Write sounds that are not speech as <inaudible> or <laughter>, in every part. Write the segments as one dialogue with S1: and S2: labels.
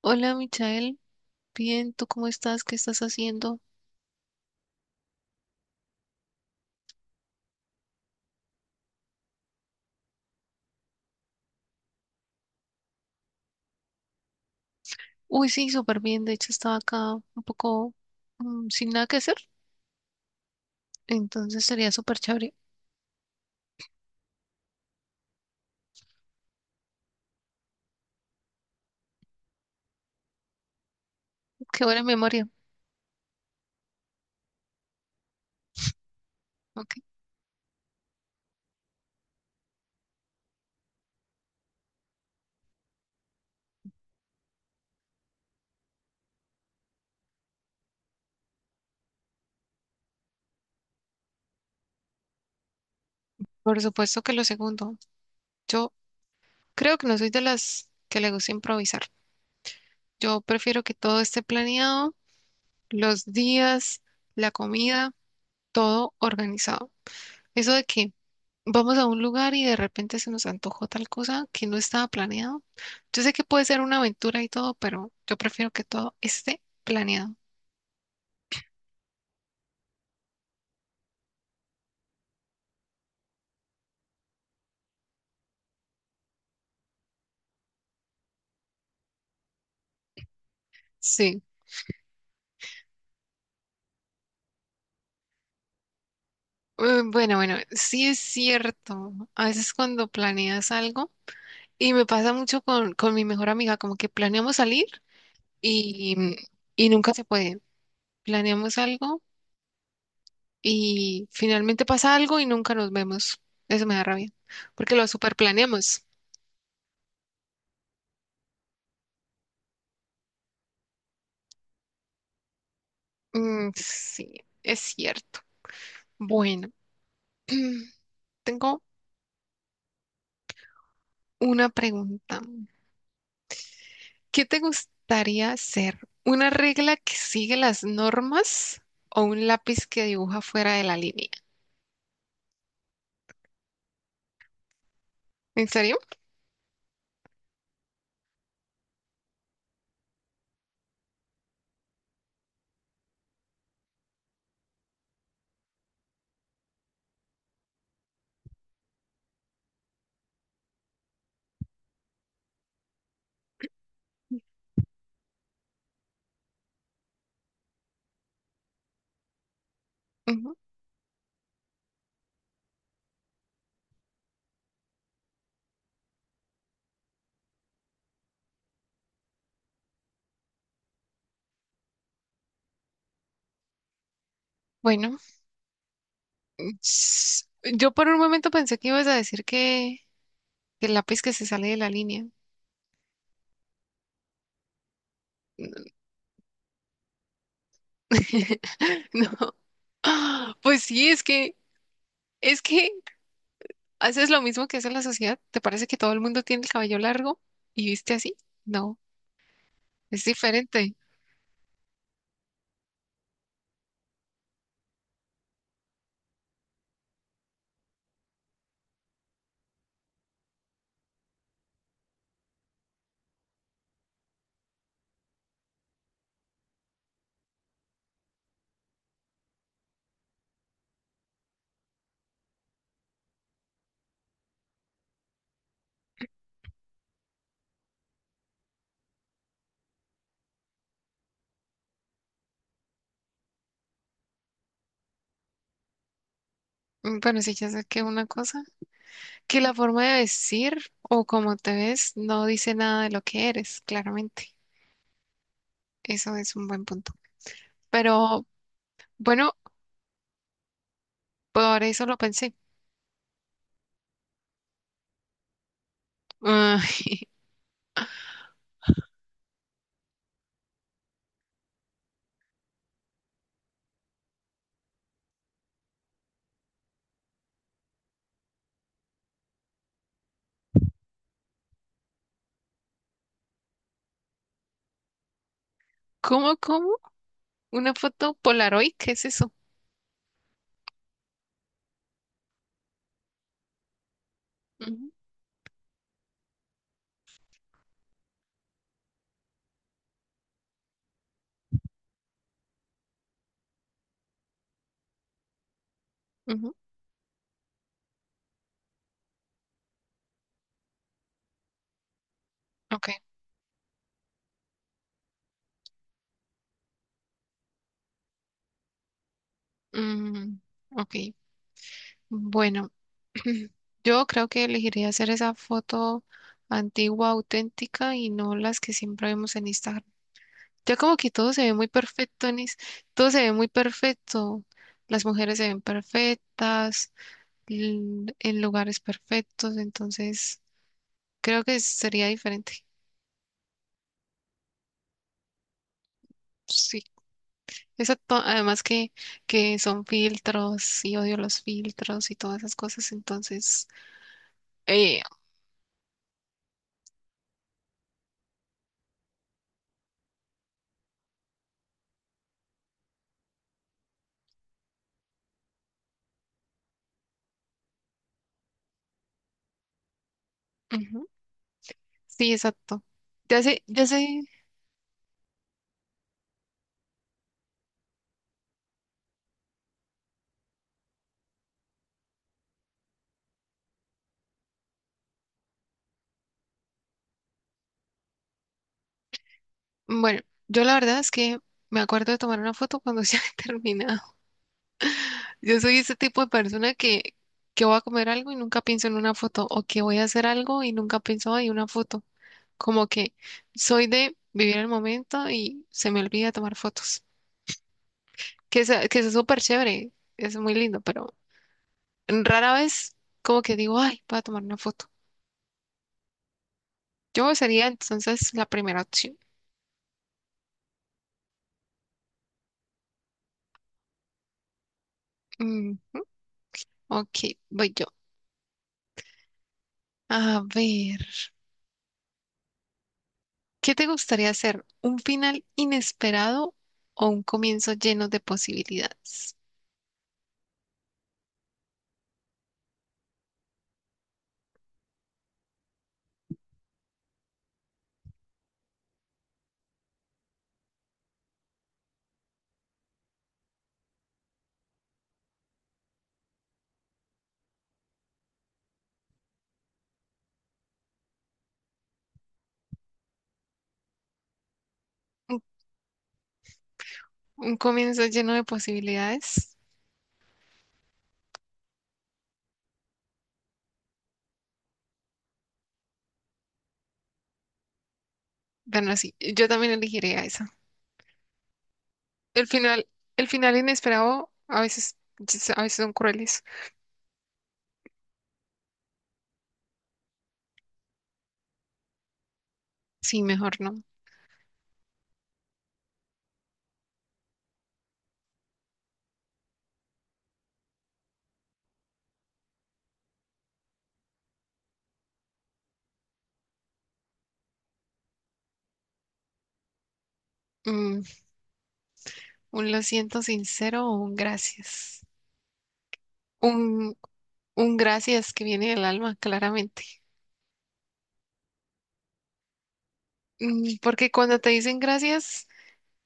S1: Hola, Michael. Bien, ¿tú cómo estás? ¿Qué estás haciendo? Uy, sí, súper bien. De hecho, estaba acá un poco sin nada que hacer. Entonces sería súper chévere. Qué buena memoria. Ok. Por supuesto que lo segundo. Yo creo que no soy de las que le gusta improvisar. Yo prefiero que todo esté planeado, los días, la comida, todo organizado. ¿Eso de qué? Vamos a un lugar y de repente se nos antojó tal cosa que no estaba planeado. Yo sé que puede ser una aventura y todo, pero yo prefiero que todo esté planeado. Sí. Bueno, bueno, sí es cierto. A veces cuando planeas algo, y me pasa mucho con mi mejor amiga, como que planeamos salir y, y nunca se puede. Planeamos algo y finalmente pasa algo y nunca nos vemos. Eso me da rabia, porque lo super planeamos. Mm, sí, es cierto. Bueno. <clears throat> Tengo una pregunta. ¿Qué te gustaría ser? ¿Una regla que sigue las normas o un lápiz que dibuja fuera de la línea? ¿En serio? Ujú. Bueno, s- yo por un momento pensé que ibas a decir que el lápiz que se sale de la línea. <laughs> No. <gasps> Pues sí, es que haces lo mismo que hace la sociedad. ¿Te parece que todo el mundo tiene el cabello largo y viste así? No, es diferente. Mm, pero sí ya saqué una cosa, que la forma de vestir o cómo te ves no dice nada de lo que eres, claramente. Eso es un buen punto. Pero bueno, por eso lo pensé. Ah. <laughs> ¿Cómo, cómo? ¿Una foto Polaroid? ¿Qué es eso? Ujú, ujú, ok. Mm, ok. Bueno, <clears throat> yo creo que elegiría hacer esa foto antigua, auténtica y no las que siempre vemos en Instagram. Ya como que todo se ve muy perfecto, Anis. Todo se ve muy perfecto. Las mujeres se ven perfectas, en lugares perfectos, entonces creo que sería diferente. Sí. Exacto. Además que son filtros y odio los filtros y todas esas cosas, entonces... eh, ujú. Sí, exacto. Ya sé, ya sé. Bueno, yo la verdad es que me acuerdo de tomar una foto cuando <laughs> ya terminé. Yo soy ese tipo de persona que voy a comer algo y nunca pienso en una foto, o que voy a hacer algo y nunca pienso en una foto. Como que soy de vivir el momento y se me olvida tomar fotos. Que es súper chévere, es muy lindo, pero rara vez como que digo, ay, voy a tomar una foto. Yo sería entonces la primera opción. Mm, ok, voy yo. A ver, ¿qué te gustaría hacer? ¿Un final inesperado o un comienzo lleno de posibilidades? Un comienzo lleno de posibilidades. Bueno, sí, yo también elegiría esa. El final, el final inesperado a veces, yes, a veces son crueles. Sí, mejor no. Mm, un lo siento sincero o un gracias. Un, un gracias que viene del alma, claramente. Mm, porque cuando te dicen gracias,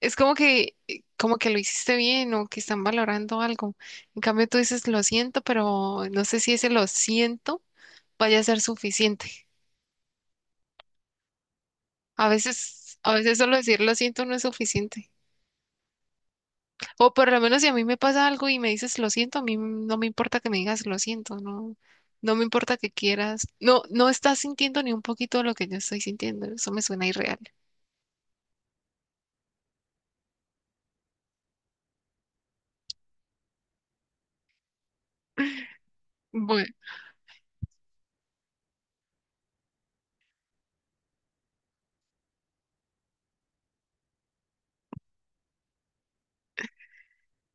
S1: es como que lo hiciste bien o que están valorando algo. En cambio, tú dices lo siento, pero no sé si ese lo siento vaya a ser suficiente. A veces solo decir lo siento no es suficiente. O por lo menos si a mí me pasa algo y me dices lo siento, a mí no me importa que me digas lo siento, no, no me importa que quieras. No, no estás sintiendo ni un poquito lo que yo estoy sintiendo. Eso me suena irreal. Bueno,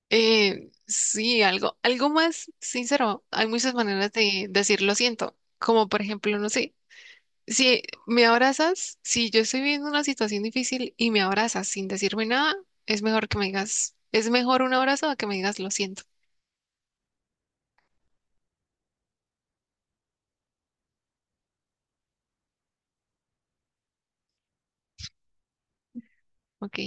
S1: sí, algo, algo más sincero. Hay muchas maneras de decir lo siento, como por ejemplo, no sé. Si me abrazas, si yo estoy viviendo una situación difícil y me abrazas sin decirme nada, es mejor que me digas, es mejor un abrazo a que me digas lo siento, ¿ok?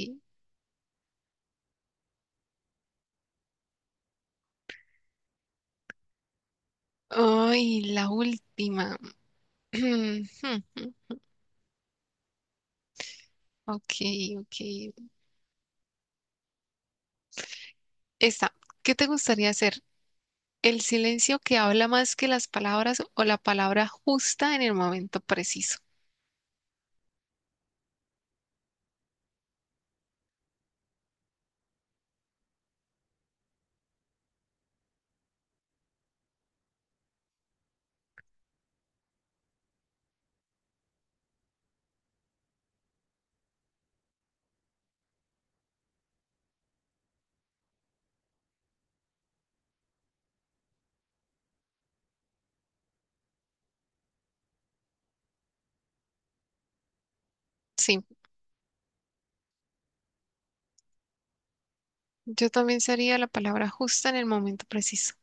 S1: Ay, la última. <clears throat> Ok, ok. Esta, ¿qué te gustaría hacer? ¿El silencio que habla más que las palabras o la palabra justa en el momento preciso? Sí, yo también sería la palabra justa en el momento preciso.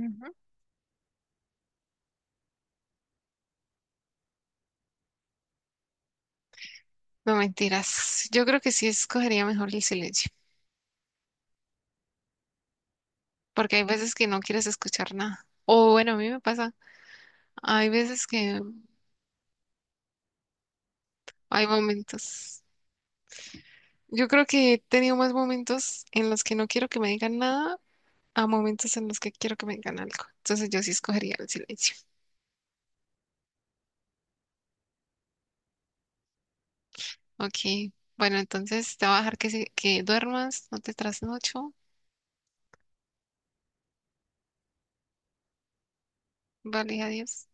S1: Ujú. No mentiras, yo creo que sí escogería mejor el silencio. Porque hay veces que no quieres escuchar nada. O bueno, a mí me pasa, hay veces que hay momentos. Yo creo que he tenido más momentos en los que no quiero que me digan nada a momentos en los que quiero que me digan algo. Entonces yo sí escogería el silencio. Ok, bueno, entonces te voy a dejar que duermas, no te trasnocho. Vale, adiós.